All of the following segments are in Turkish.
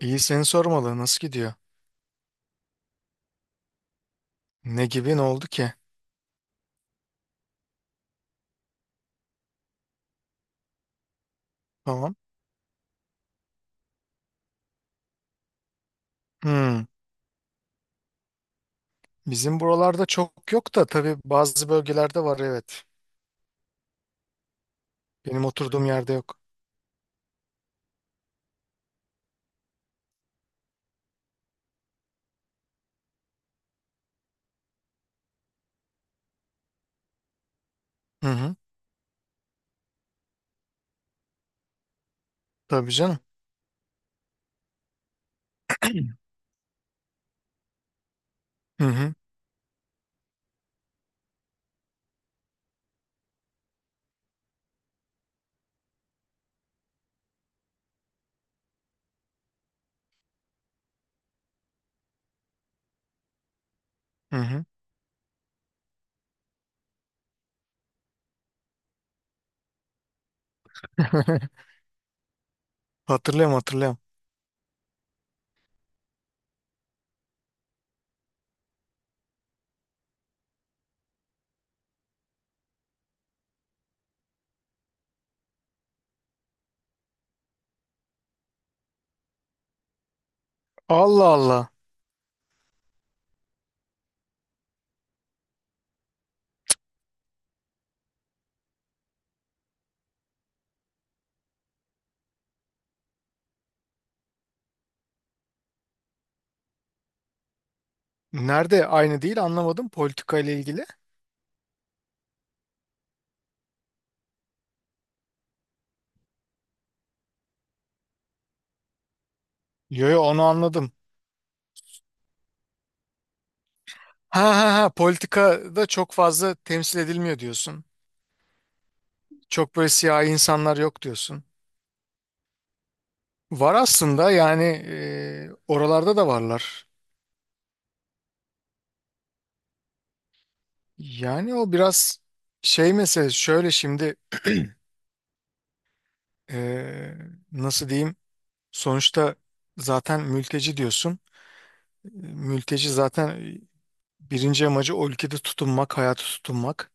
İyi seni sormalı. Nasıl gidiyor? Ne gibi ne oldu ki? Tamam. Hmm. Bizim buralarda çok yok da tabii bazı bölgelerde var evet. Benim oturduğum yerde yok. Hı hı. Tabii canım. Hı hı. Hı hı. Hatırlıyorum hatırlıyorum. Allah Allah. Nerede? Aynı değil anlamadım politika ile ilgili. Yo yo onu anladım. Ha ha ha politikada çok fazla temsil edilmiyor diyorsun. Çok böyle siyahi insanlar yok diyorsun. Var aslında yani oralarda da varlar. Yani o biraz şey mesela şöyle şimdi eee, nasıl diyeyim, sonuçta zaten mülteci diyorsun. E, Mülteci zaten birinci amacı o ülkede tutunmak, hayatı tutunmak.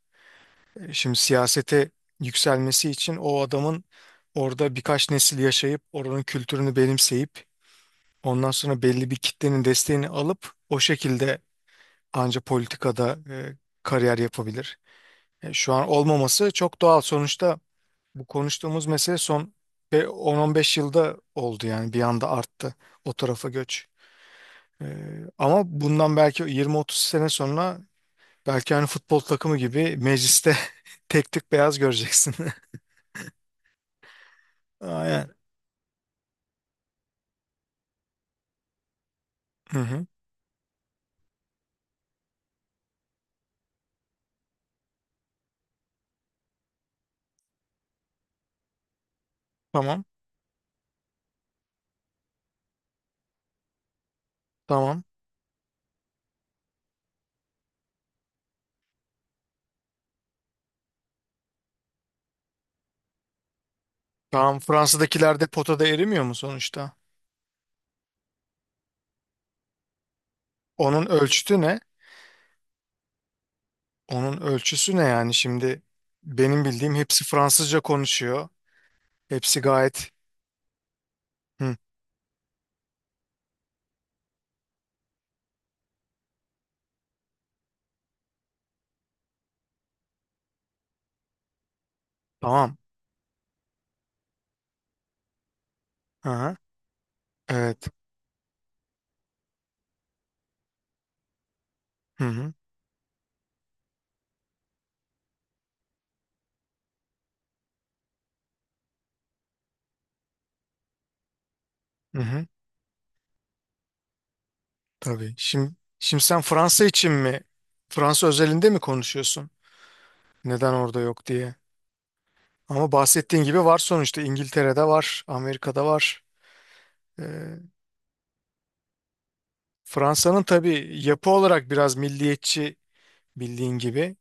Şimdi siyasete yükselmesi için o adamın orada birkaç nesil yaşayıp oranın kültürünü benimseyip ondan sonra belli bir kitlenin desteğini alıp o şekilde anca politikada kariyer yapabilir. Şu an olmaması çok doğal sonuçta. Bu konuştuğumuz mesele son ve 10-15 yılda oldu, yani bir anda arttı o tarafa göç. Ama bundan belki 20-30 sene sonra belki hani futbol takımı gibi mecliste tek tük beyaz göreceksin. Aynen. Hı hı. Tamam. Tamam. Tamam. Fransa'dakiler de potada erimiyor mu sonuçta? Onun ölçütü ne? Onun ölçüsü ne yani şimdi? Benim bildiğim hepsi Fransızca konuşuyor. Hepsi gayet. Hı. Tamam. Hı hı. Evet. Hı hı. Hı hı. Tabii. Şimdi, sen Fransa için mi? Fransa özelinde mi konuşuyorsun? Neden orada yok diye. Ama bahsettiğin gibi var sonuçta. İngiltere'de var, Amerika'da var. Ee, Fransa'nın tabii yapı olarak biraz milliyetçi, bildiğin gibi.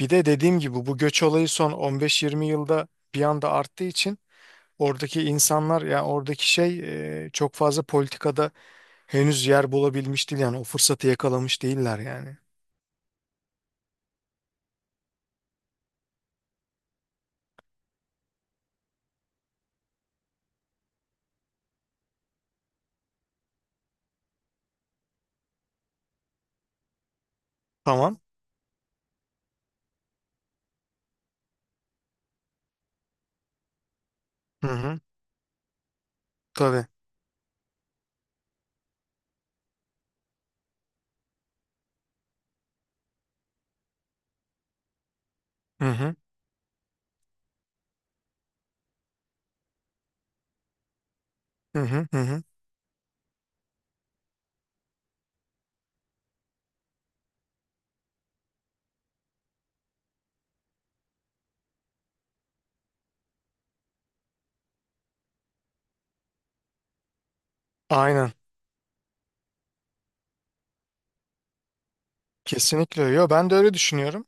Bir de dediğim gibi bu göç olayı son 15-20 yılda bir anda arttığı için oradaki insanlar ya oradaki şey çok fazla politikada henüz yer bulabilmiş değil, yani o fırsatı yakalamış değiller yani. Tamam. Hı hı. Tabii. Hı hı. Hı hı. Hı hı. Aynen. Kesinlikle. Öyle. Yo, ben de öyle düşünüyorum.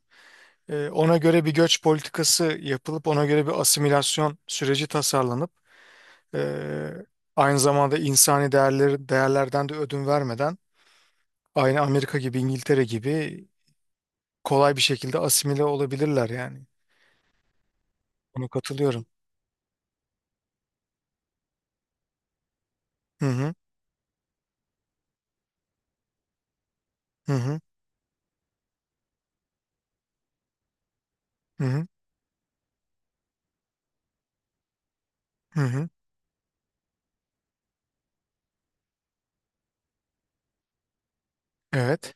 Ona göre bir göç politikası yapılıp ona göre bir asimilasyon süreci tasarlanıp, Ee, aynı zamanda insani değerleri, değerlerden de ödün vermeden, aynı Amerika gibi İngiltere gibi kolay bir şekilde asimile olabilirler yani. Buna katılıyorum. Hı hı hı hı hı hı. Hı hı. Evet.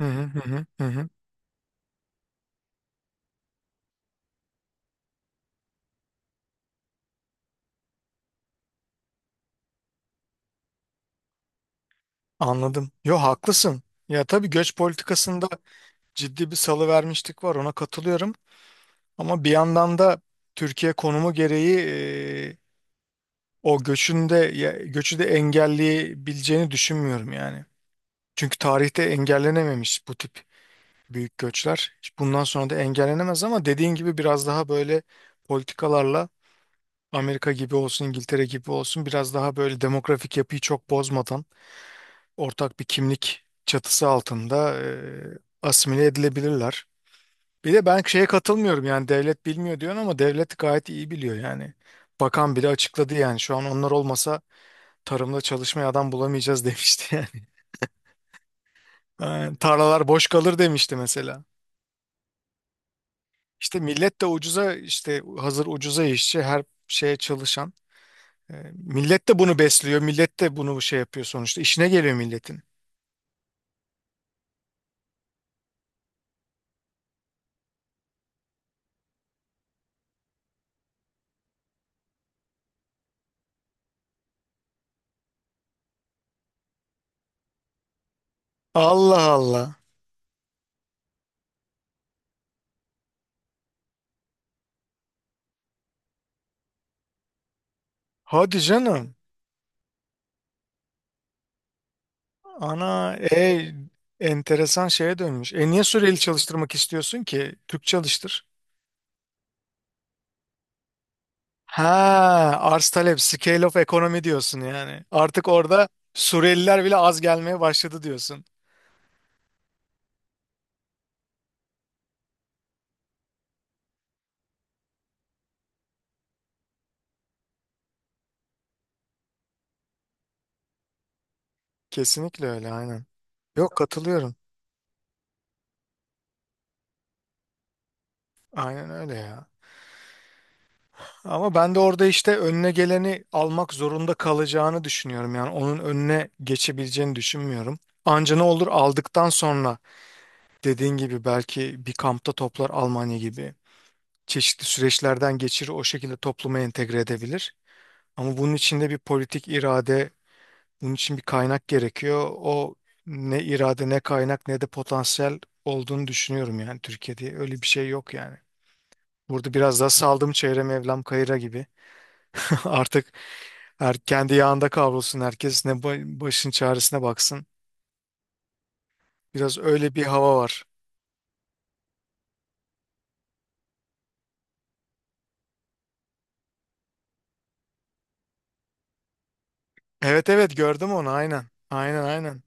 Hı hı hı hı hı. Hı. Anladım. Yo haklısın. Ya tabii göç politikasında ciddi bir salıvermişlik var, ona katılıyorum. Ama bir yandan da Türkiye konumu gereği e, o göçün de göçü de engelleyebileceğini düşünmüyorum yani. Çünkü tarihte engellenememiş bu tip büyük göçler. Bundan sonra da engellenemez, ama dediğin gibi biraz daha böyle politikalarla, Amerika gibi olsun, İngiltere gibi olsun, biraz daha böyle demografik yapıyı çok bozmadan ortak bir kimlik çatısı altında asimile edilebilirler. Bir de ben şeye katılmıyorum, yani devlet bilmiyor diyorsun ama devlet gayet iyi biliyor yani. Bakan bile açıkladı yani, şu an onlar olmasa tarımda çalışmaya adam bulamayacağız demişti yani. Tarlalar boş kalır demişti mesela. İşte millet de ucuza, işte hazır ucuza işçi her şeye çalışan. Millet de bunu besliyor. Millet de bunu şey yapıyor sonuçta. İşine geliyor milletin. Allah Allah. Hadi canım. Ana enteresan şeye dönmüş. Niye süreli çalıştırmak istiyorsun ki? Türk çalıştır. Ha, arz talep, scale of economy diyorsun yani. Artık orada Suriyeliler bile az gelmeye başladı diyorsun. Kesinlikle öyle, aynen. Yok, katılıyorum. Aynen öyle ya. Ama ben de orada işte önüne geleni almak zorunda kalacağını düşünüyorum. Yani onun önüne geçebileceğini düşünmüyorum. Anca ne olur aldıktan sonra dediğin gibi belki bir kampta toplar Almanya gibi. Çeşitli süreçlerden geçirir, o şekilde topluma entegre edebilir. Ama bunun için de bir politik irade, bunun için bir kaynak gerekiyor. O ne irade ne kaynak ne de potansiyel olduğunu düşünüyorum yani, Türkiye'de öyle bir şey yok yani. Burada biraz daha saldım çevrem evlam kayıra gibi. Artık her, kendi yağında kavrulsun herkes. Ne başın çaresine baksın. Biraz öyle bir hava var. Evet evet, gördüm onu, aynen. Aynen aynen.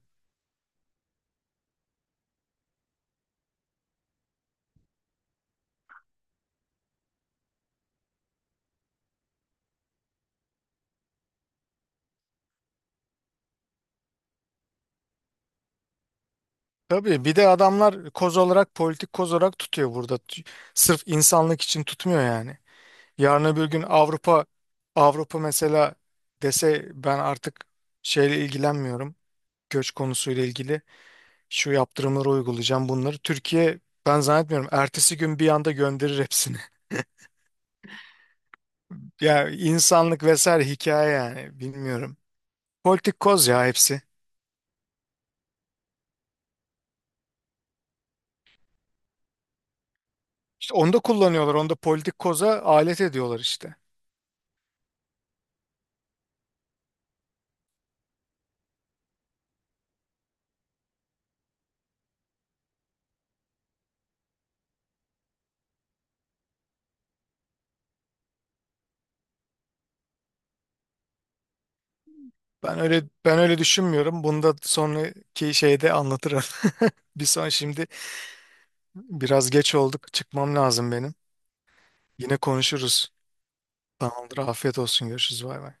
Tabii bir de adamlar koz olarak, politik koz olarak tutuyor burada. Sırf insanlık için tutmuyor yani. Yarın öbür gün Avrupa, Avrupa mesela dese ben artık şeyle ilgilenmiyorum. Göç konusuyla ilgili şu yaptırımları uygulayacağım bunları. Türkiye, ben zannetmiyorum ertesi gün bir anda gönderir hepsini. Ya insanlık vesaire hikaye yani, bilmiyorum. Politik koz ya hepsi. İşte onu da kullanıyorlar. Onu da politik koza alet ediyorlar işte. Ben öyle, ben öyle düşünmüyorum. Bunu da sonraki şeyde anlatırım. Bir son şimdi biraz geç olduk. Çıkmam lazım benim. Yine konuşuruz. Tamamdır. Afiyet olsun. Görüşürüz. Bay bay.